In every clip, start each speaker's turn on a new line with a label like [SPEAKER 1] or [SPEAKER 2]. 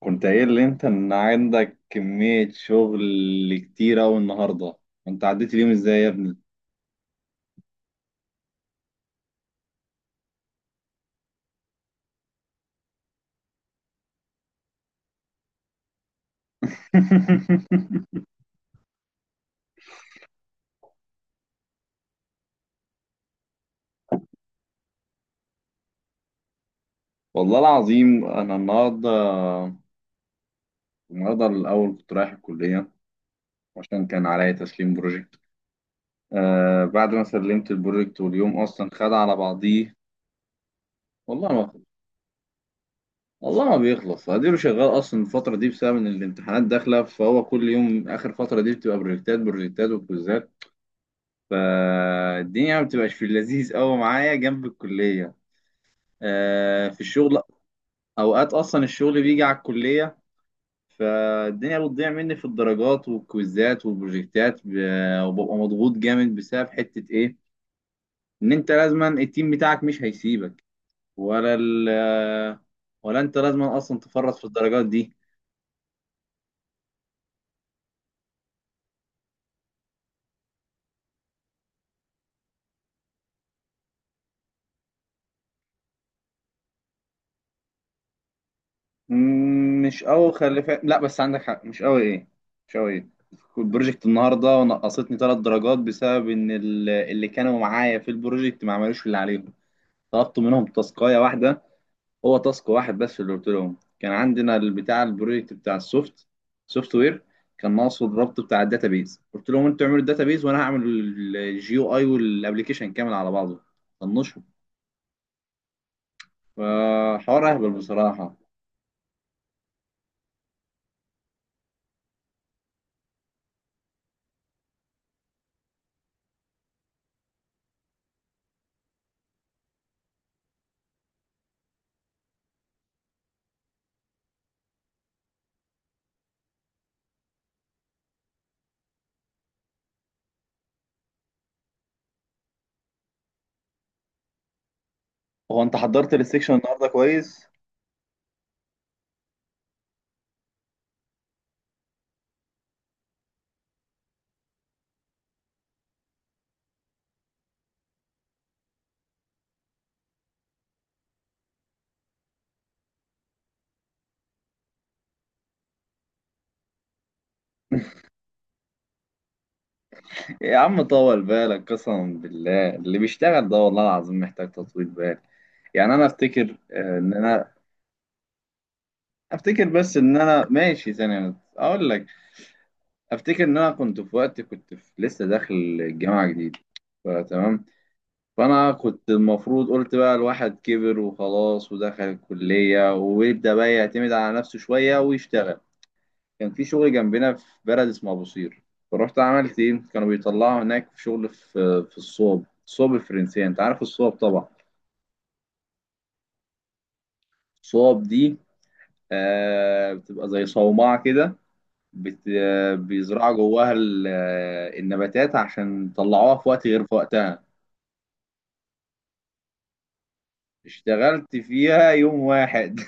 [SPEAKER 1] كنت قايل لي انت ان عندك كمية شغل كتير اوي النهاردة. انت عديت اليوم ازاي يا ابني؟ والله العظيم انا النهاردة الاول كنت رايح الكلية عشان كان عليا تسليم بروجكت. بعد ما سلمت البروجكت، واليوم اصلا خد على بعضيه. والله ما والله ما بيخلص. اديله شغال اصلا الفترة دي بسبب ان الامتحانات داخلة، فهو كل يوم اخر فترة دي بتبقى بروجكتات بروجكتات وكويزات. فالدنيا ما بتبقاش في اللذيذ قوي معايا جنب الكلية، في الشغل. أوقات أصلا الشغل بيجي على الكلية، فالدنيا بتضيع مني في الدرجات والكويزات والبروجكتات، وببقى مضغوط جامد بسبب حتة إيه؟ إن أنت لازما التيم بتاعك مش هيسيبك، ولا ال ولا أنت لازما أصلا تفرط في الدرجات دي. مش قوي، لا بس عندك حق. مش قوي ايه. البروجكت النهارده نقصتني ثلاث درجات بسبب ان اللي كانوا معايا في البروجكت ما عملوش اللي عليهم. طلبت منهم تاسكايه واحده، هو تاسك واحد بس. اللي قلت لهم كان عندنا البتاع البروجكت بتاع السوفت وير، كان ناقصه الربط بتاع الداتابيز. قلت لهم انتوا اعملوا الداتابيز وانا هعمل الجيو اي والابلكيشن كامل على بعضه. طنشوا. فحوار اهبل بصراحه. هو انت حضرت السكشن النهارده كويس؟ يا عم طول بالك، قسما بالله اللي بيشتغل ده والله العظيم محتاج تطويل بال. يعني انا افتكر، ان انا افتكر، بس ان انا ماشي ثانية اقول لك افتكر ان انا كنت في وقت، كنت في لسه داخل الجامعة جديد. فتمام، فانا كنت المفروض قلت بقى الواحد كبر وخلاص ودخل الكلية ويبدأ بقى يعتمد على نفسه شوية ويشتغل. كان في شغل جنبنا في بلد اسمه أبو قير، فرحت عملت إيه؟ كانوا بيطلعوا هناك في شغل في الصوب الفرنسية. أنت عارف الصوب طبعا؟ الصوب دي آه بتبقى زي صومعة كده. بت... آه، بيزرعوا جواها النباتات عشان يطلعوها في وقت غير في وقتها. اشتغلت فيها يوم واحد.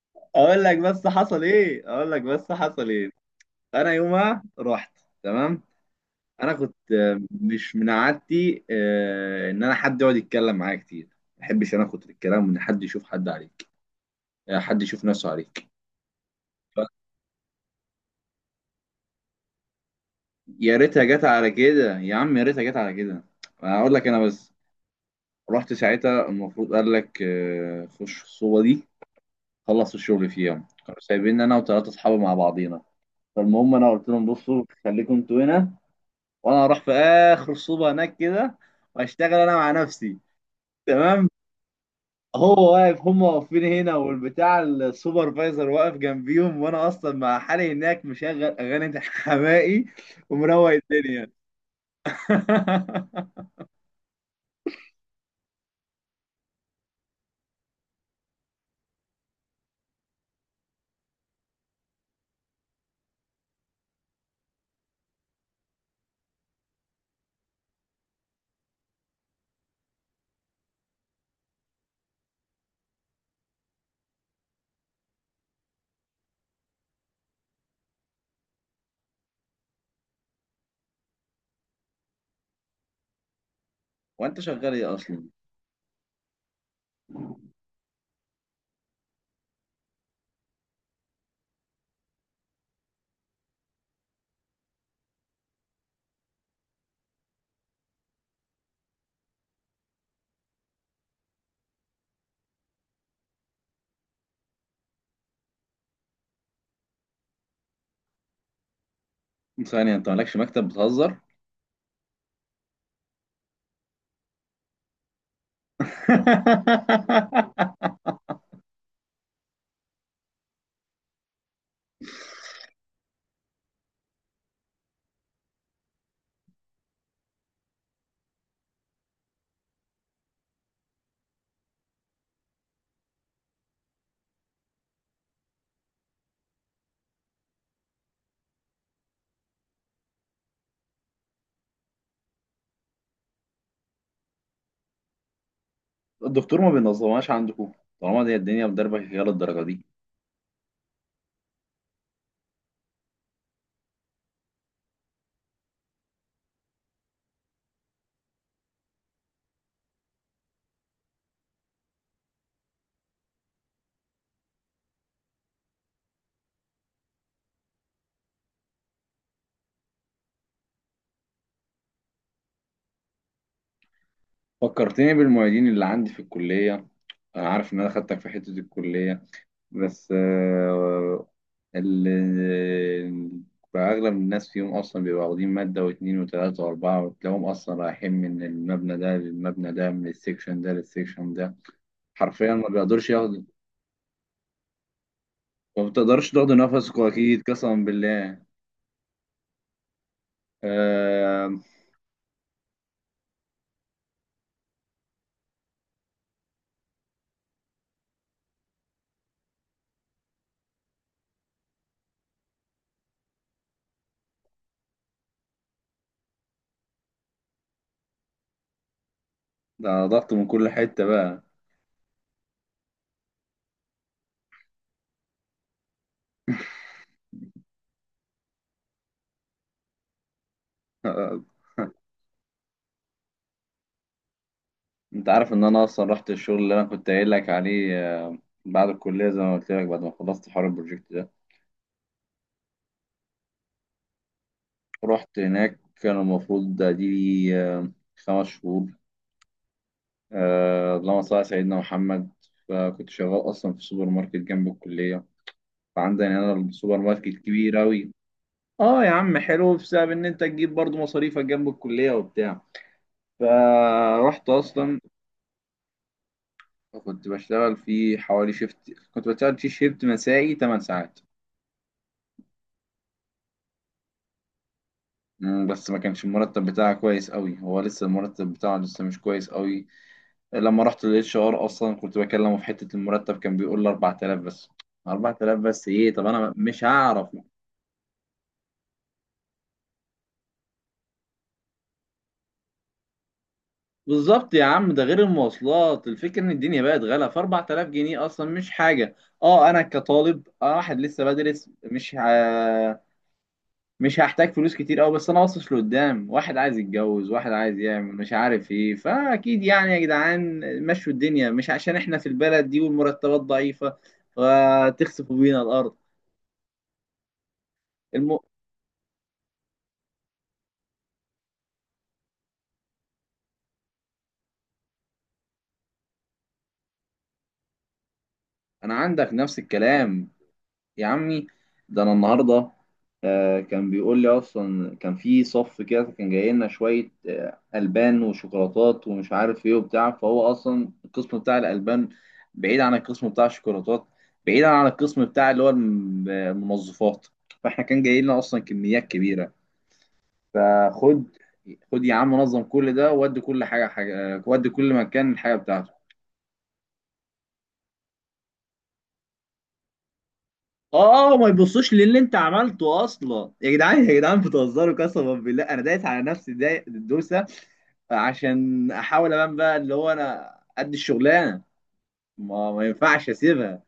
[SPEAKER 1] اقول لك بس حصل ايه اقول لك بس حصل ايه. انا يومها رحت، تمام. انا كنت مش من عادتي، ان انا حد يقعد يتكلم معايا كتير. ما بحبش انا اخد الكلام وان حد يشوف حد عليك، حد يشوف نفسه عليك. ف- يا ريتها جت على كده يا عم، يا ريتها جت على كده. اقول لك انا بس، رحت ساعتها المفروض قال لك خش الصوبه دي. خلص الشغل في يوم كانوا سايبين انا وثلاثه اصحابي مع بعضينا. فالمهم انا قلت لهم بصوا خليكم انتوا هنا، وانا هروح في اخر صوبه هناك كده واشتغل انا مع نفسي، تمام. هو واقف، هم واقفين هنا، والبتاع السوبرفايزر واقف جنبيهم، وانا اصلا مع حالي هناك مشغل اغاني حماقي ومروق الدنيا. وانت شغال ايه اصلا؟ ثانية، انت مالكش مكتب، بتهزر؟ الدكتور ما بينظمهاش عندكم؟ طالما دي الدنيا مدربة كده للدرجة دي. فكرتني بالمعيدين اللي عندي في الكلية. انا عارف ان انا خدتك في حتة الكلية، بس ال- بقى أغلب الناس فيهم أصلا بيبقوا واخدين مادة واتنين وتلاتة وأربعة، وتلاقيهم أصلا رايحين من المبنى ده للمبنى ده، من السكشن ده للسكشن ده. حرفيا ما بيقدرش ياخد، ما بتقدرش تاخد نفسك أكيد قسما بالله. آه، ده ضغط من كل حتة بقى. آه، أنت عارف إن أنا أصلا رحت الشغل اللي أنا كنت قايل لك عليه؟ بعد الكلية زي ما قلت لك، بعد ما خلصت حوار البروجكت ده، رحت هناك. كان المفروض ده دي، آه، 5 شهور. اللهم صل على سيدنا محمد. فكنت شغال أصلا في سوبر ماركت جنب الكلية. فعندنا هنا السوبر ماركت كبير أوي. اه يا عم حلو، بسبب ان انت تجيب برضو مصاريفك جنب الكلية وبتاع. فرحت اصلا، كنت بشتغل في حوالي شيفت كنت بشتغل في شيفت مسائي 8 ساعات. بس ما كانش المرتب بتاعها كويس قوي، هو لسه المرتب بتاعه لسه مش كويس قوي. لما رحت للاتش ار اصلا كنت بكلمه في حته المرتب، كان بيقول لي 4000 بس. 4000 بس ايه؟ طب انا مش هعرف. بالظبط يا عم، ده غير المواصلات. الفكره ان الدنيا بقت غلا، ف 4000 جنيه اصلا مش حاجه. اه انا كطالب، واحد لسه بدرس، مش هحتاج فلوس كتير قوي، بس انا باصص لقدام. واحد عايز يتجوز، واحد عايز يعمل مش عارف ايه، فاكيد يعني يا جدعان. مشوا الدنيا، مش عشان احنا في البلد دي والمرتبات ضعيفه فتخسفوا بينا الارض. الم... انا عندك نفس الكلام يا عمي. ده انا النهارده، كان بيقول لي اصلا كان في صف كده، كان جاي لنا شويه البان وشوكولاتات ومش عارف ايه وبتاع، فهو اصلا القسم بتاع الالبان بعيد عن القسم بتاع الشوكولاتات، بعيد عن القسم بتاع اللي هو المنظفات. فاحنا كان جاي لنا اصلا كميات كبيره. فخد يا عم نظم كل ده، ودي كل حاجه حاجه، ودي كل مكان الحاجه بتاعته. اه، ما يبصوش للي انت عملته اصلا. يا جدعان يا جدعان بتهزروا، قسما بالله انا دايس على نفسي، الدوسه عشان احاول ابان بقى اللي هو انا قد الشغلانه. ما ينفعش اسيبها.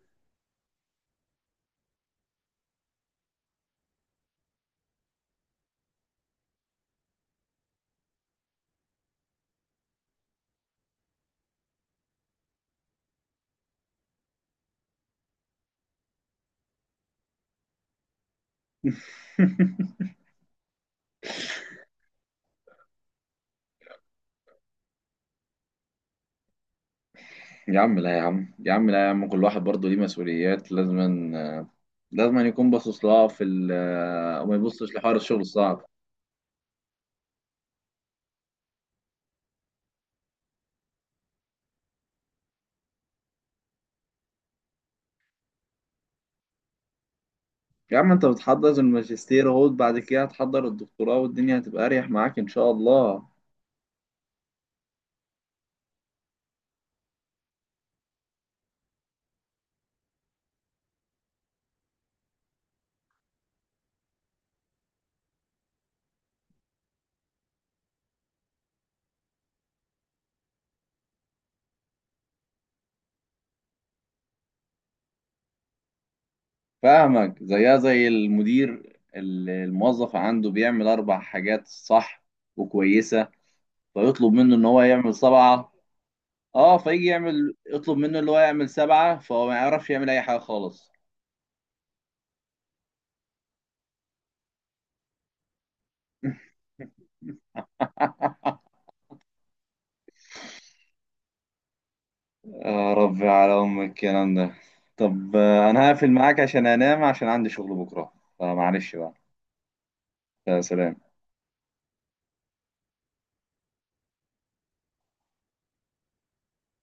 [SPEAKER 1] يا عم لا، يا عم، يا عم لا، يا عم كل واحد برضه ليه مسؤوليات. لازم يكون باصص لها في ال وما يبصش لحوار الشغل الصعب. يا عم انت بتحضر الماجستير اهو، بعد كده هتحضر الدكتوراه، والدنيا هتبقى اريح معاك ان شاء الله. فاهمك، زيها زي المدير اللي الموظف عنده بيعمل اربع حاجات صح وكويسه، فيطلب منه ان هو يعمل سبعه. اه فيجي يعمل، يطلب منه اللي هو يعمل سبعه، فهو ما يعرفش يعمل اي حاجه خالص. يا ربي على ام الكلام ده. طب انا هقفل معاك عشان انام عشان عندي شغل بكره. فمعلش بقى. يا سلام.